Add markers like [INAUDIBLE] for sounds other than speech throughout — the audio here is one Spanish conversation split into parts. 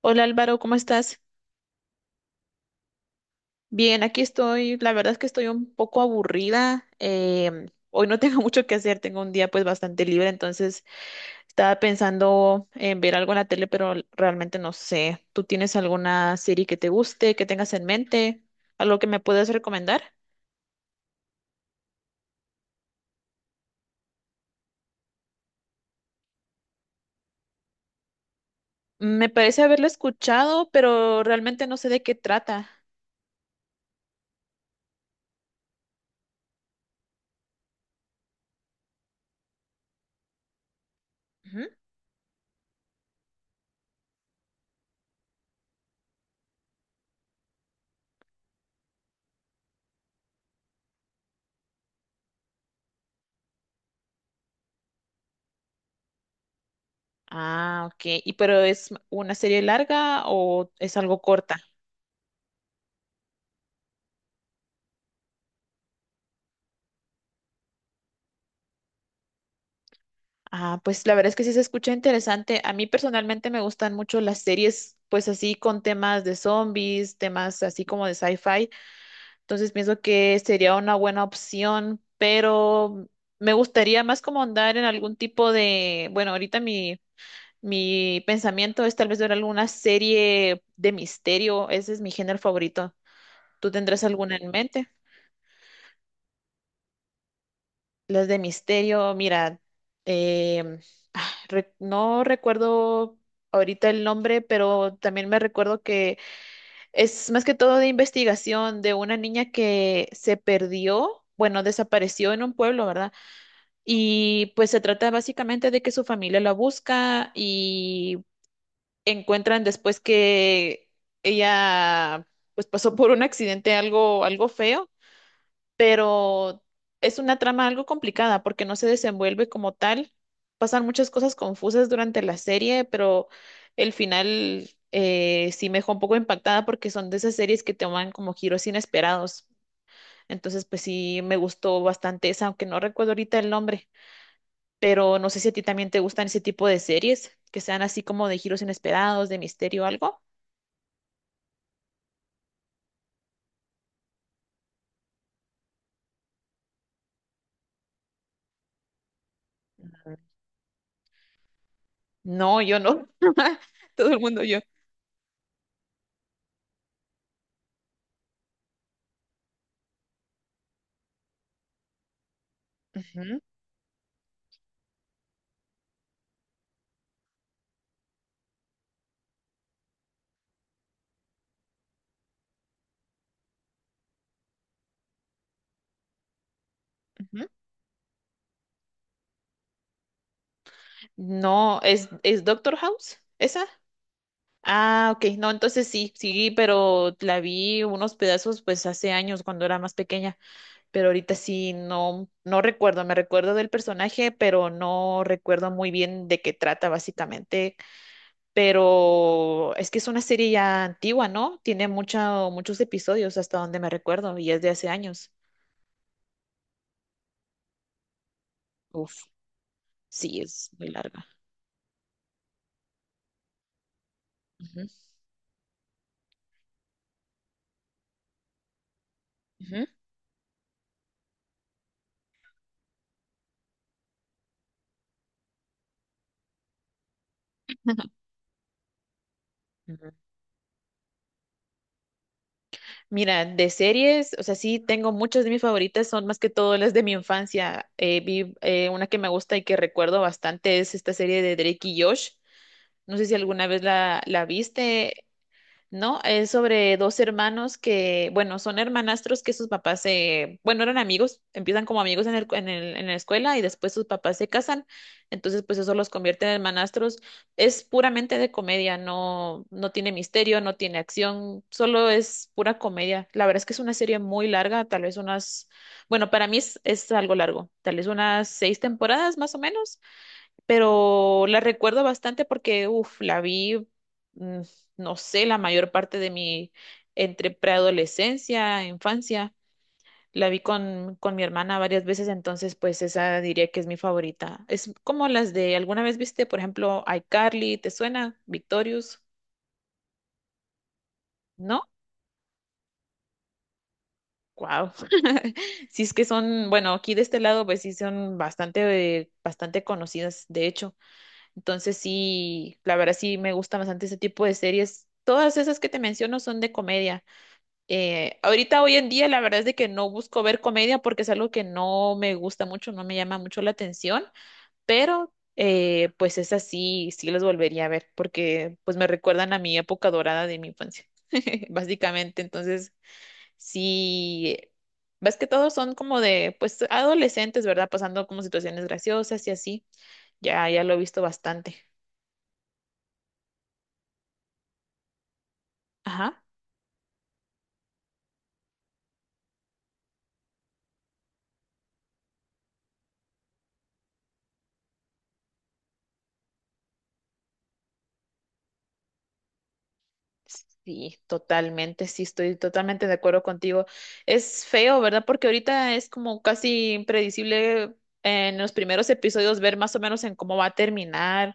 Hola Álvaro, ¿cómo estás? Bien, aquí estoy. La verdad es que estoy un poco aburrida. Hoy no tengo [LAUGHS] mucho que hacer, tengo un día, pues bastante libre. Entonces estaba pensando en ver algo en la tele, pero realmente no sé. ¿Tú tienes alguna serie que te guste, que tengas en mente, algo que me puedas recomendar? Me parece haberla escuchado, pero realmente no sé de qué trata. Ujú. Ah, ok. ¿Y pero es una serie larga o es algo corta? Ah, pues la verdad es que sí se escucha interesante. A mí personalmente me gustan mucho las series, pues así con temas de zombies, temas así como de sci-fi. Entonces pienso que sería una buena opción, pero me gustaría más como andar en algún tipo de, bueno, ahorita mi pensamiento es tal vez ver alguna serie de misterio. Ese es mi género favorito. ¿Tú tendrás alguna en mente? Las de misterio, mira, em, no recuerdo ahorita el nombre, pero también me recuerdo que es más que todo de investigación de una niña que se perdió, bueno, desapareció en un pueblo, ¿verdad? Y pues se trata básicamente de que su familia la busca y encuentran después que ella pues pasó por un accidente, algo, algo feo, pero es una trama algo complicada porque no se desenvuelve como tal. Pasan muchas cosas confusas durante la serie, pero el final sí me dejó un poco impactada porque son de esas series que toman como giros inesperados. Entonces, pues sí, me gustó bastante esa, aunque no recuerdo ahorita el nombre, pero no sé si a ti también te gustan ese tipo de series, que sean así como de giros inesperados, de misterio o algo. Ujú. No, yo no, [LAUGHS] todo el mundo yo. Ujú, ujú. No, es Doctor House, esa. Ah, ok. No, entonces sí, sí, pero la vi unos pedazos pues hace años cuando era más pequeña, pero ahorita sí no, no recuerdo, me recuerdo del personaje, pero no recuerdo muy bien de qué trata básicamente, pero es que es una serie ya antigua, ¿no? Tiene mucha, muchos episodios hasta donde me recuerdo, y es de hace años. Uf, sí, es muy larga. Ujú, ujú. Mira, de series, o sea, sí tengo muchas de mis favoritas, son más que todo las de mi infancia. Vi una que me gusta y que recuerdo bastante, es esta serie de Drake y Josh. No sé si alguna vez la viste, ¿no? Es sobre dos hermanos que, bueno, son hermanastros, que sus papás se, bueno, eran amigos, empiezan como amigos en en la escuela y después sus papás se casan, entonces pues eso los convierte en hermanastros. Es puramente de comedia, no, no tiene misterio, no tiene acción, solo es pura comedia. La verdad es que es una serie muy larga, tal vez unas, bueno, para mí es algo largo, tal vez unas seis temporadas más o menos, pero la recuerdo bastante porque, uff, la vi, mm, no sé, la mayor parte de mi, entre preadolescencia, infancia, la vi con mi hermana varias veces, entonces pues esa diría que es mi favorita. Es como las de, ¿alguna vez viste, por ejemplo, iCarly? ¿Te suena? Victorious, ¿no? Wow. [LAUGHS] Sí, es que son, bueno, aquí de este lado pues sí son bastante, bastante conocidas, de hecho. Entonces sí, la verdad sí me gusta bastante ese tipo de series. Todas esas que te menciono son de comedia. Ahorita hoy en día la verdad es de que no busco ver comedia porque es algo que no me gusta mucho, no me llama mucho la atención, pero pues esas sí, sí las volvería a ver porque pues me recuerdan a mi época dorada de mi infancia, [LAUGHS] básicamente. Entonces sí, ves que todos son como de pues adolescentes, ¿verdad? Pasando como situaciones graciosas y así. Ya, ya lo he visto bastante. Ajá. Sí, totalmente, sí, estoy totalmente de acuerdo contigo. Es feo, ¿verdad? Porque ahorita es como casi impredecible en los primeros episodios ver más o menos en cómo va a terminar.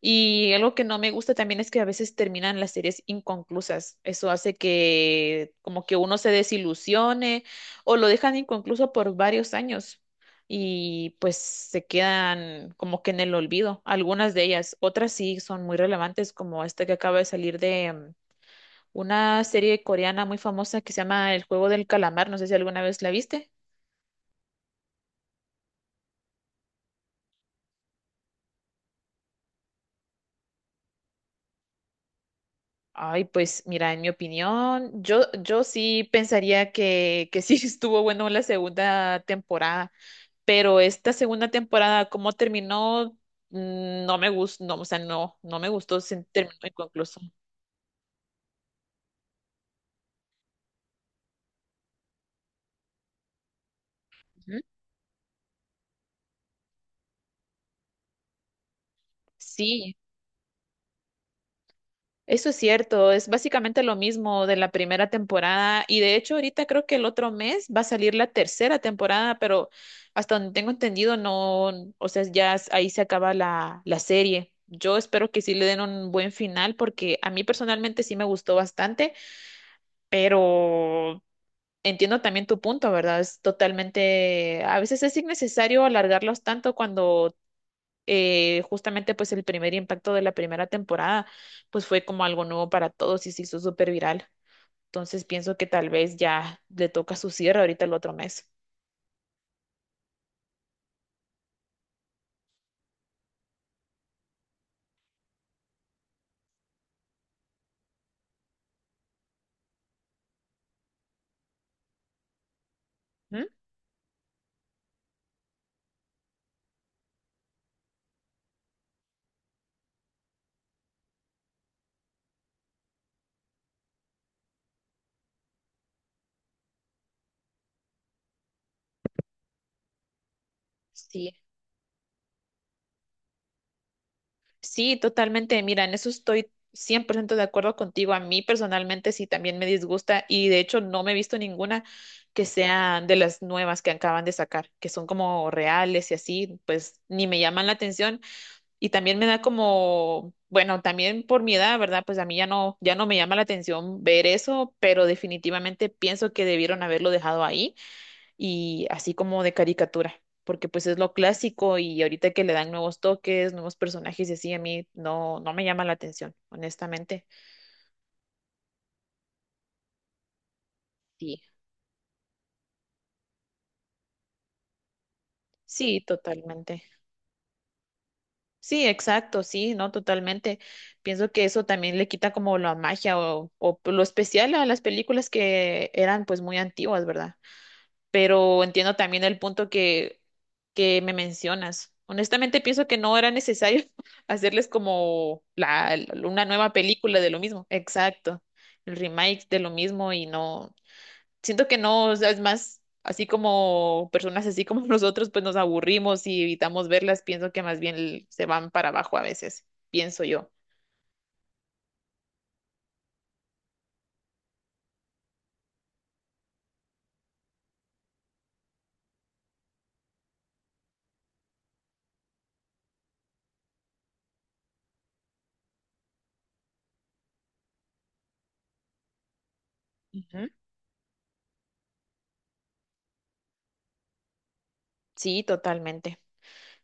Y algo que no me gusta también es que a veces terminan las series inconclusas. Eso hace que como que uno se desilusione o lo dejan inconcluso por varios años y pues se quedan como que en el olvido. Algunas de ellas, otras sí son muy relevantes, como esta que acaba de salir, de una serie coreana muy famosa que se llama El juego del calamar, no sé si alguna vez la viste. Ay, pues mira, en mi opinión, yo sí pensaría que sí [LAUGHS] estuvo bueno la segunda temporada, pero esta segunda temporada, ¿cómo terminó? Mm, no me gustó, no, o sea, no, no me gustó, se terminó inconcluso. Ujú. Sí. Eso es cierto, es básicamente lo mismo de la primera temporada, y de hecho ahorita creo que el otro mes va a salir la tercera temporada, pero hasta donde tengo entendido no, o sea, ya ahí se acaba la serie. Yo espero que sí le den un buen final porque a mí personalmente sí me gustó bastante, pero entiendo también tu punto, ¿verdad? Es totalmente, a veces es innecesario alargarlos tanto cuando justamente pues el primer impacto de la primera temporada pues fue como algo nuevo para todos y se hizo súper viral. Entonces pienso que tal vez ya le toca su cierre ahorita el otro mes. ¿Mm? Sí. Sí, totalmente. Mira, en eso estoy 100% de acuerdo contigo. A mí personalmente sí también me disgusta y de hecho no me he visto ninguna que sea de las nuevas que acaban de sacar, que son como reales y así, pues ni me llaman la atención. Y también me da como, bueno, también por mi edad, ¿verdad? Pues a mí ya no, ya no me llama la atención ver eso, pero definitivamente pienso que debieron haberlo dejado ahí y así como de caricatura, porque pues es lo clásico y ahorita que le dan nuevos toques, nuevos personajes y así, a mí no, no me llama la atención, honestamente. Sí. Sí, totalmente. Sí, exacto, sí, no, totalmente. Pienso que eso también le quita como la magia o lo especial a las películas que eran pues muy antiguas, ¿verdad? Pero entiendo también el punto que me mencionas. Honestamente, pienso que no era necesario [LAUGHS] hacerles como la, una nueva película de lo mismo. Exacto. El remake de lo mismo y no. Siento que no, o sea, es más, así como personas así como [LAUGHS] nosotros, pues nos aburrimos y evitamos verlas. Pienso que más bien se van para abajo a veces, pienso yo. Ujú. Sí, totalmente.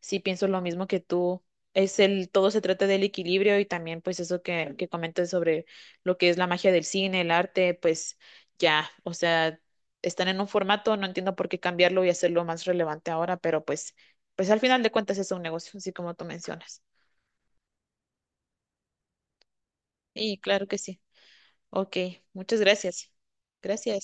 Sí, pienso lo mismo que tú. Es el, todo se trata del equilibrio y también pues eso que comentas sobre lo que es la magia del cine, el arte, pues ya, o sea, están en un formato, no entiendo por qué cambiarlo y hacerlo más relevante ahora, pero pues, pues al final de cuentas es un negocio, así como tú mencionas. Y claro que sí. Ok, muchas gracias. Gracias.